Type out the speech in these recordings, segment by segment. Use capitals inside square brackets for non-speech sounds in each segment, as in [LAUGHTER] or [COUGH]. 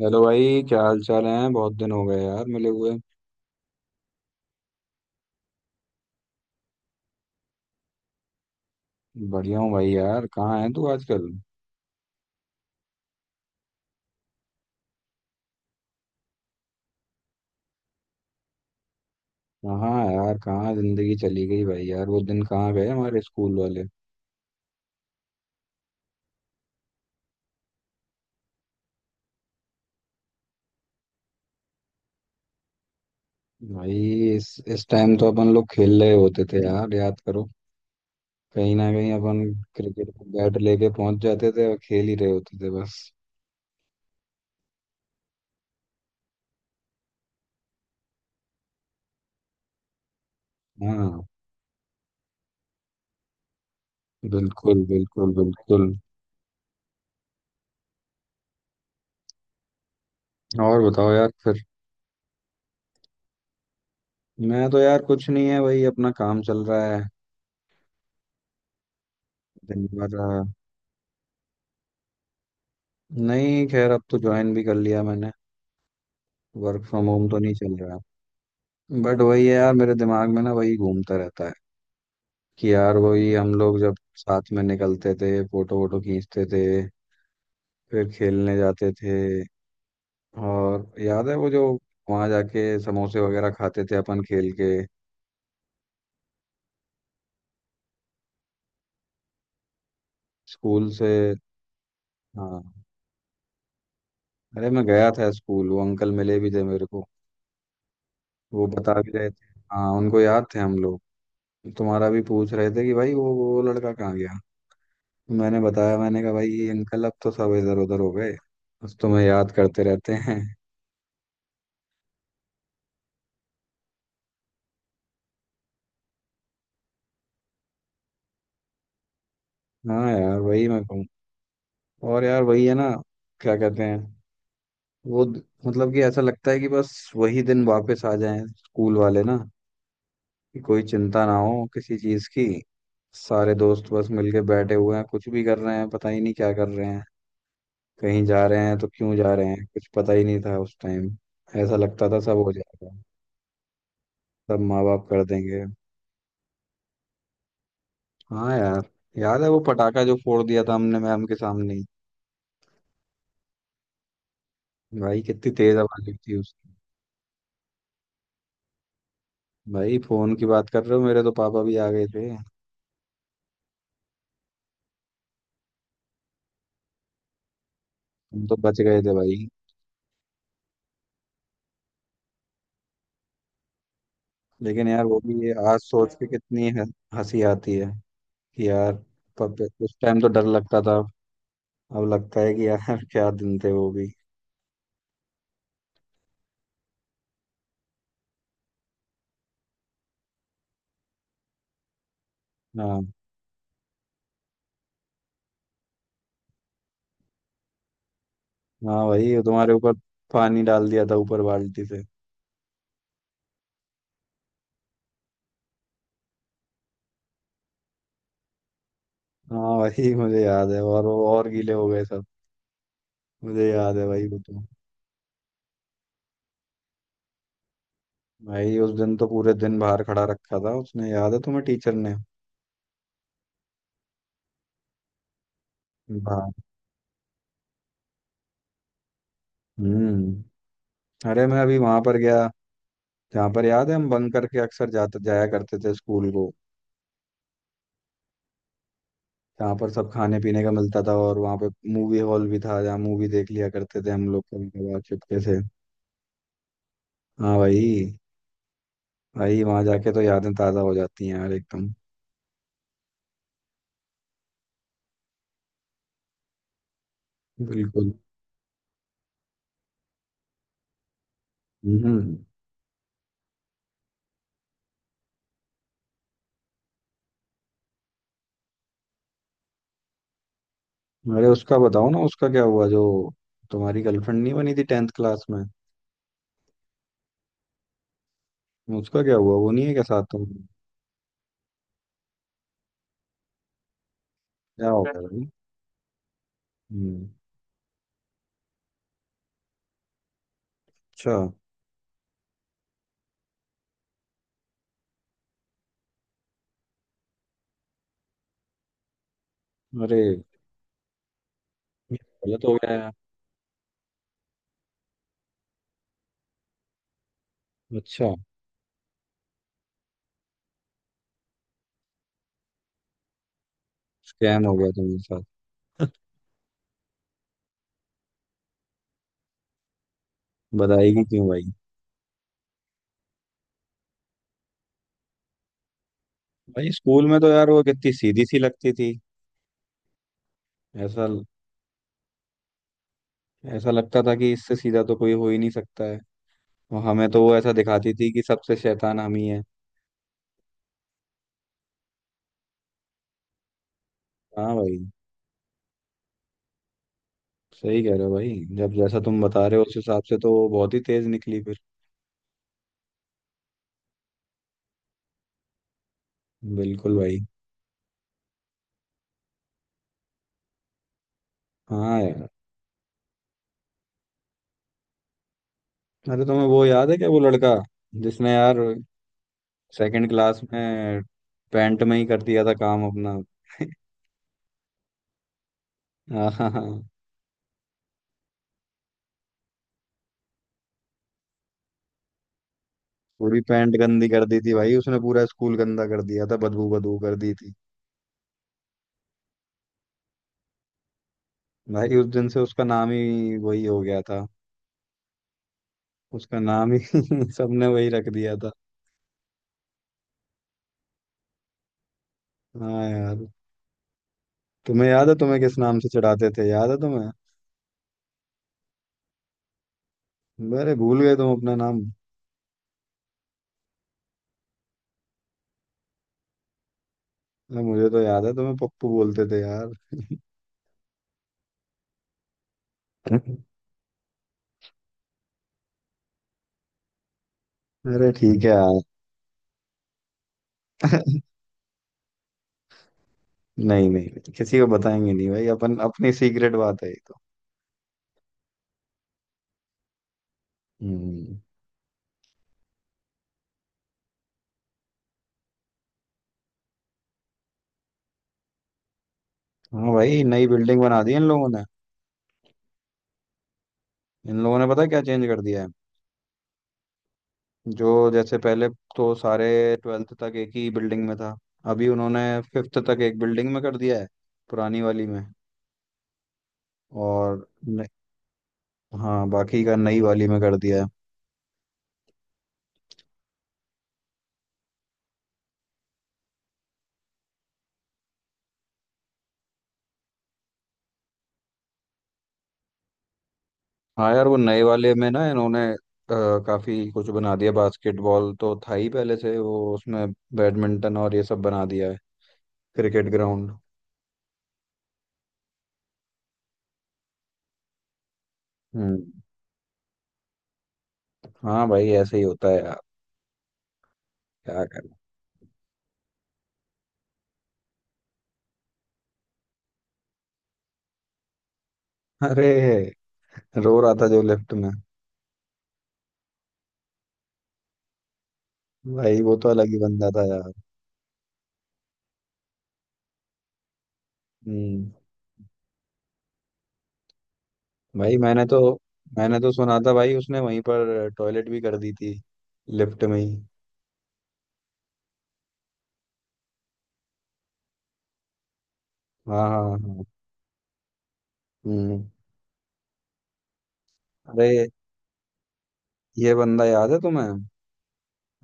Hello भाई, क्या हाल चाल है। बहुत दिन हो गए यार मिले हुए। बढ़िया हूँ भाई। यार कहाँ है तू आजकल। कहाँ है यार, कहाँ जिंदगी चली गई भाई। यार वो दिन कहाँ गए हमारे स्कूल वाले। भाई इस इस टाइम तो अपन लोग खेल रहे होते थे यार, याद करो। कहीं ना कहीं अपन क्रिकेट का बैट लेके पहुंच जाते थे और खेल ही रहे होते थे बस। हाँ। बिल्कुल बिल्कुल बिल्कुल। और बताओ यार फिर। मैं तो यार कुछ नहीं है भाई, अपना काम चल रहा है। दिन भर आ, नहीं, खैर अब तो ज्वाइन भी कर लिया मैंने। वर्क फ्रॉम होम तो नहीं चल रहा, बट वही है यार, मेरे दिमाग में ना वही घूमता रहता है कि यार वही हम लोग जब साथ में निकलते थे, फोटो वोटो खींचते थे, फिर खेलने जाते थे। और याद है वो जो वहां जाके समोसे वगैरह खाते थे अपन खेल के, स्कूल से। हाँ। अरे मैं गया था स्कूल, वो अंकल मिले भी थे मेरे को। वो बता भी रहे थे। हाँ उनको याद थे हम लोग। तुम्हारा भी पूछ रहे थे कि भाई वो लड़का कहाँ गया। मैंने बताया, मैंने कहा भाई ये अंकल, अब तो सब इधर उधर हो गए, बस तुम्हें याद करते रहते हैं। हाँ यार वही मैं कहूँ। और यार वही है ना, क्या कहते हैं, वो द- मतलब कि ऐसा लगता है कि बस वही दिन वापस आ जाएं स्कूल वाले ना, कि कोई चिंता ना हो किसी चीज की। सारे दोस्त बस मिलके बैठे हुए हैं, कुछ भी कर रहे हैं, पता ही नहीं क्या कर रहे हैं। कहीं जा रहे हैं तो क्यों जा रहे हैं, कुछ पता ही नहीं था उस टाइम। ऐसा लगता था सब हो जाएगा, सब माँ बाप कर देंगे। हाँ यार, याद है वो पटाखा जो फोड़ दिया था हमने मैम के सामने ही। भाई कितनी तेज आवाज थी उसकी। भाई फोन की बात कर रहे हो, मेरे तो पापा भी आ गए थे। हम तो बच गए थे भाई। लेकिन यार वो भी ये आज सोच के कितनी हंसी आती है कि यार, पप उस टाइम तो डर लगता था। अब लगता है कि यार [LAUGHS] क्या दिन थे वो भी। हाँ। हाँ भाई, वो तुम्हारे ऊपर पानी डाल दिया था ऊपर बाल्टी से। हाँ भाई मुझे याद है, और वो और गीले हो गए सब। मुझे याद है भाई वो तो। भाई उस दिन तो पूरे दिन बाहर खड़ा रखा था उसने, याद है तुम्हें, टीचर ने। बाहर। हम्म। अरे मैं अभी वहां पर गया जहाँ पर याद है हम बंक करके अक्सर जाते जाया करते थे स्कूल को। जहाँ पर सब खाने पीने का मिलता था, और वहाँ पे मूवी हॉल भी था जहाँ मूवी देख लिया करते थे हम लोग कभी कभार चुपके से। हाँ भाई। भाई वहां जाके तो यादें ताजा हो जाती हैं यार एकदम। बिल्कुल। हम्म। अरे उसका बताओ ना, उसका क्या हुआ जो तुम्हारी गर्लफ्रेंड नहीं बनी थी टेंथ क्लास में। उसका क्या हुआ, वो नहीं है क्या साथ तुम। क्या हो गया भाई। हम्म, अच्छा। अरे ये गलत हो गया यार। अच्छा। स्कैम हो गया तुम्हारे साथ। बताएगी क्यों भाई। भाई स्कूल में तो यार वो कितनी सीधी सी लगती थी। ऐसा ऐसा लगता था कि इससे सीधा तो कोई हो ही नहीं सकता है। और हमें तो वो ऐसा दिखाती थी कि सबसे शैतान हम ही है। हाँ भाई, सही कह रहे हो भाई। जब जैसा तुम बता रहे हो उस हिसाब से, तो वो बहुत ही तेज निकली फिर। बिल्कुल भाई। हाँ यार। अरे तुम्हें वो याद है क्या, वो लड़का जिसने यार सेकंड क्लास में पैंट में ही कर दिया था काम अपना [LAUGHS] हाँ हाँ हाँ। पूरी पैंट गंदी कर दी थी भाई उसने, पूरा स्कूल गंदा कर दिया था, बदबू बदबू कर दी थी। भाई उस दिन से उसका नाम ही वही हो गया था। उसका नाम ही [LAUGHS] सबने वही रख दिया था। हाँ यार। तुम्हें याद है तुम्हें किस नाम से चढ़ाते थे, याद है तुम्हें। अरे भूल गए तुम अपना नाम। अरे मुझे तो याद है, तुम्हें पप्पू बोलते थे यार [LAUGHS] अरे ठीक है यार [LAUGHS] नहीं नहीं, किसी को बताएंगे नहीं भाई, अपन अपनी सीक्रेट बात है। हम्म। हाँ भाई, नई बिल्डिंग बना दी इन लोगों ने। इन लोगों ने पता है क्या चेंज कर दिया है। जो जैसे पहले तो सारे ट्वेल्थ तक एक ही बिल्डिंग में था, अभी उन्होंने फिफ्थ तक एक बिल्डिंग में कर दिया है, पुरानी वाली में। और न, हाँ बाकी का नई वाली में कर दिया है। हाँ यार वो नए वाले में ना, इन्होंने काफी कुछ बना दिया। बास्केटबॉल तो था ही पहले से, वो उसमें बैडमिंटन और ये सब बना दिया है, क्रिकेट ग्राउंड। हम्म। हाँ भाई ऐसे ही होता है यार, क्या करें। अरे, रो रहा था जो लेफ्ट में। भाई वो तो अलग ही बंदा था यार। हम्म। भाई मैंने तो सुना था भाई उसने वहीं पर टॉयलेट भी कर दी थी, लिफ्ट में ही। हाँ हाँ हाँ। हम्म। अरे ये बंदा याद है तुम्हें।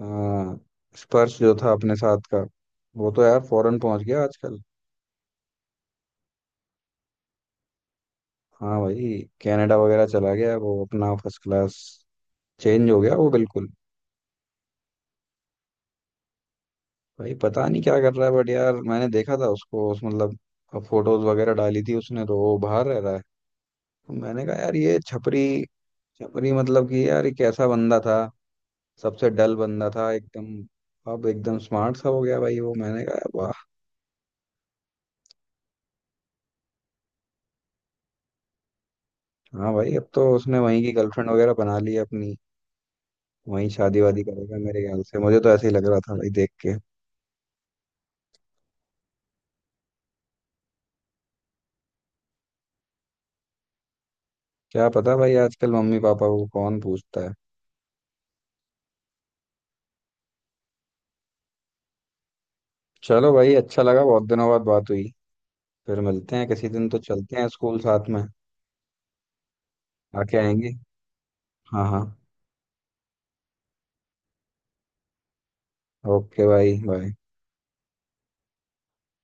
हाँ। स्पर्श जो था अपने साथ का, वो तो यार फॉरेन पहुंच गया आजकल। हाँ भाई, कनाडा वगैरह चला गया वो, अपना फर्स्ट क्लास चेंज हो गया वो बिल्कुल। भाई पता नहीं क्या कर रहा है, बट यार मैंने देखा था उसको उस मतलब फोटोज वगैरह डाली थी उसने, तो वो बाहर रह रहा है। तो मैंने कहा यार ये छपरी, छपरी मतलब कि यार ये कैसा बंदा था, सबसे डल बंदा था एकदम, अब एकदम स्मार्ट सा हो गया भाई वो, मैंने कहा वाह। हाँ भाई, अब तो उसने वहीं की गर्लफ्रेंड वगैरह बना ली है अपनी। वहीं शादी वादी करेगा मेरे ख्याल से, मुझे तो ऐसे ही लग रहा था भाई देख के। क्या पता भाई, आजकल मम्मी पापा को कौन पूछता है। चलो भाई, अच्छा लगा बहुत दिनों बाद बात हुई। फिर मिलते हैं किसी दिन, तो चलते हैं स्कूल साथ में। आके आएंगे। हाँ हाँ। ओके भाई, बाय।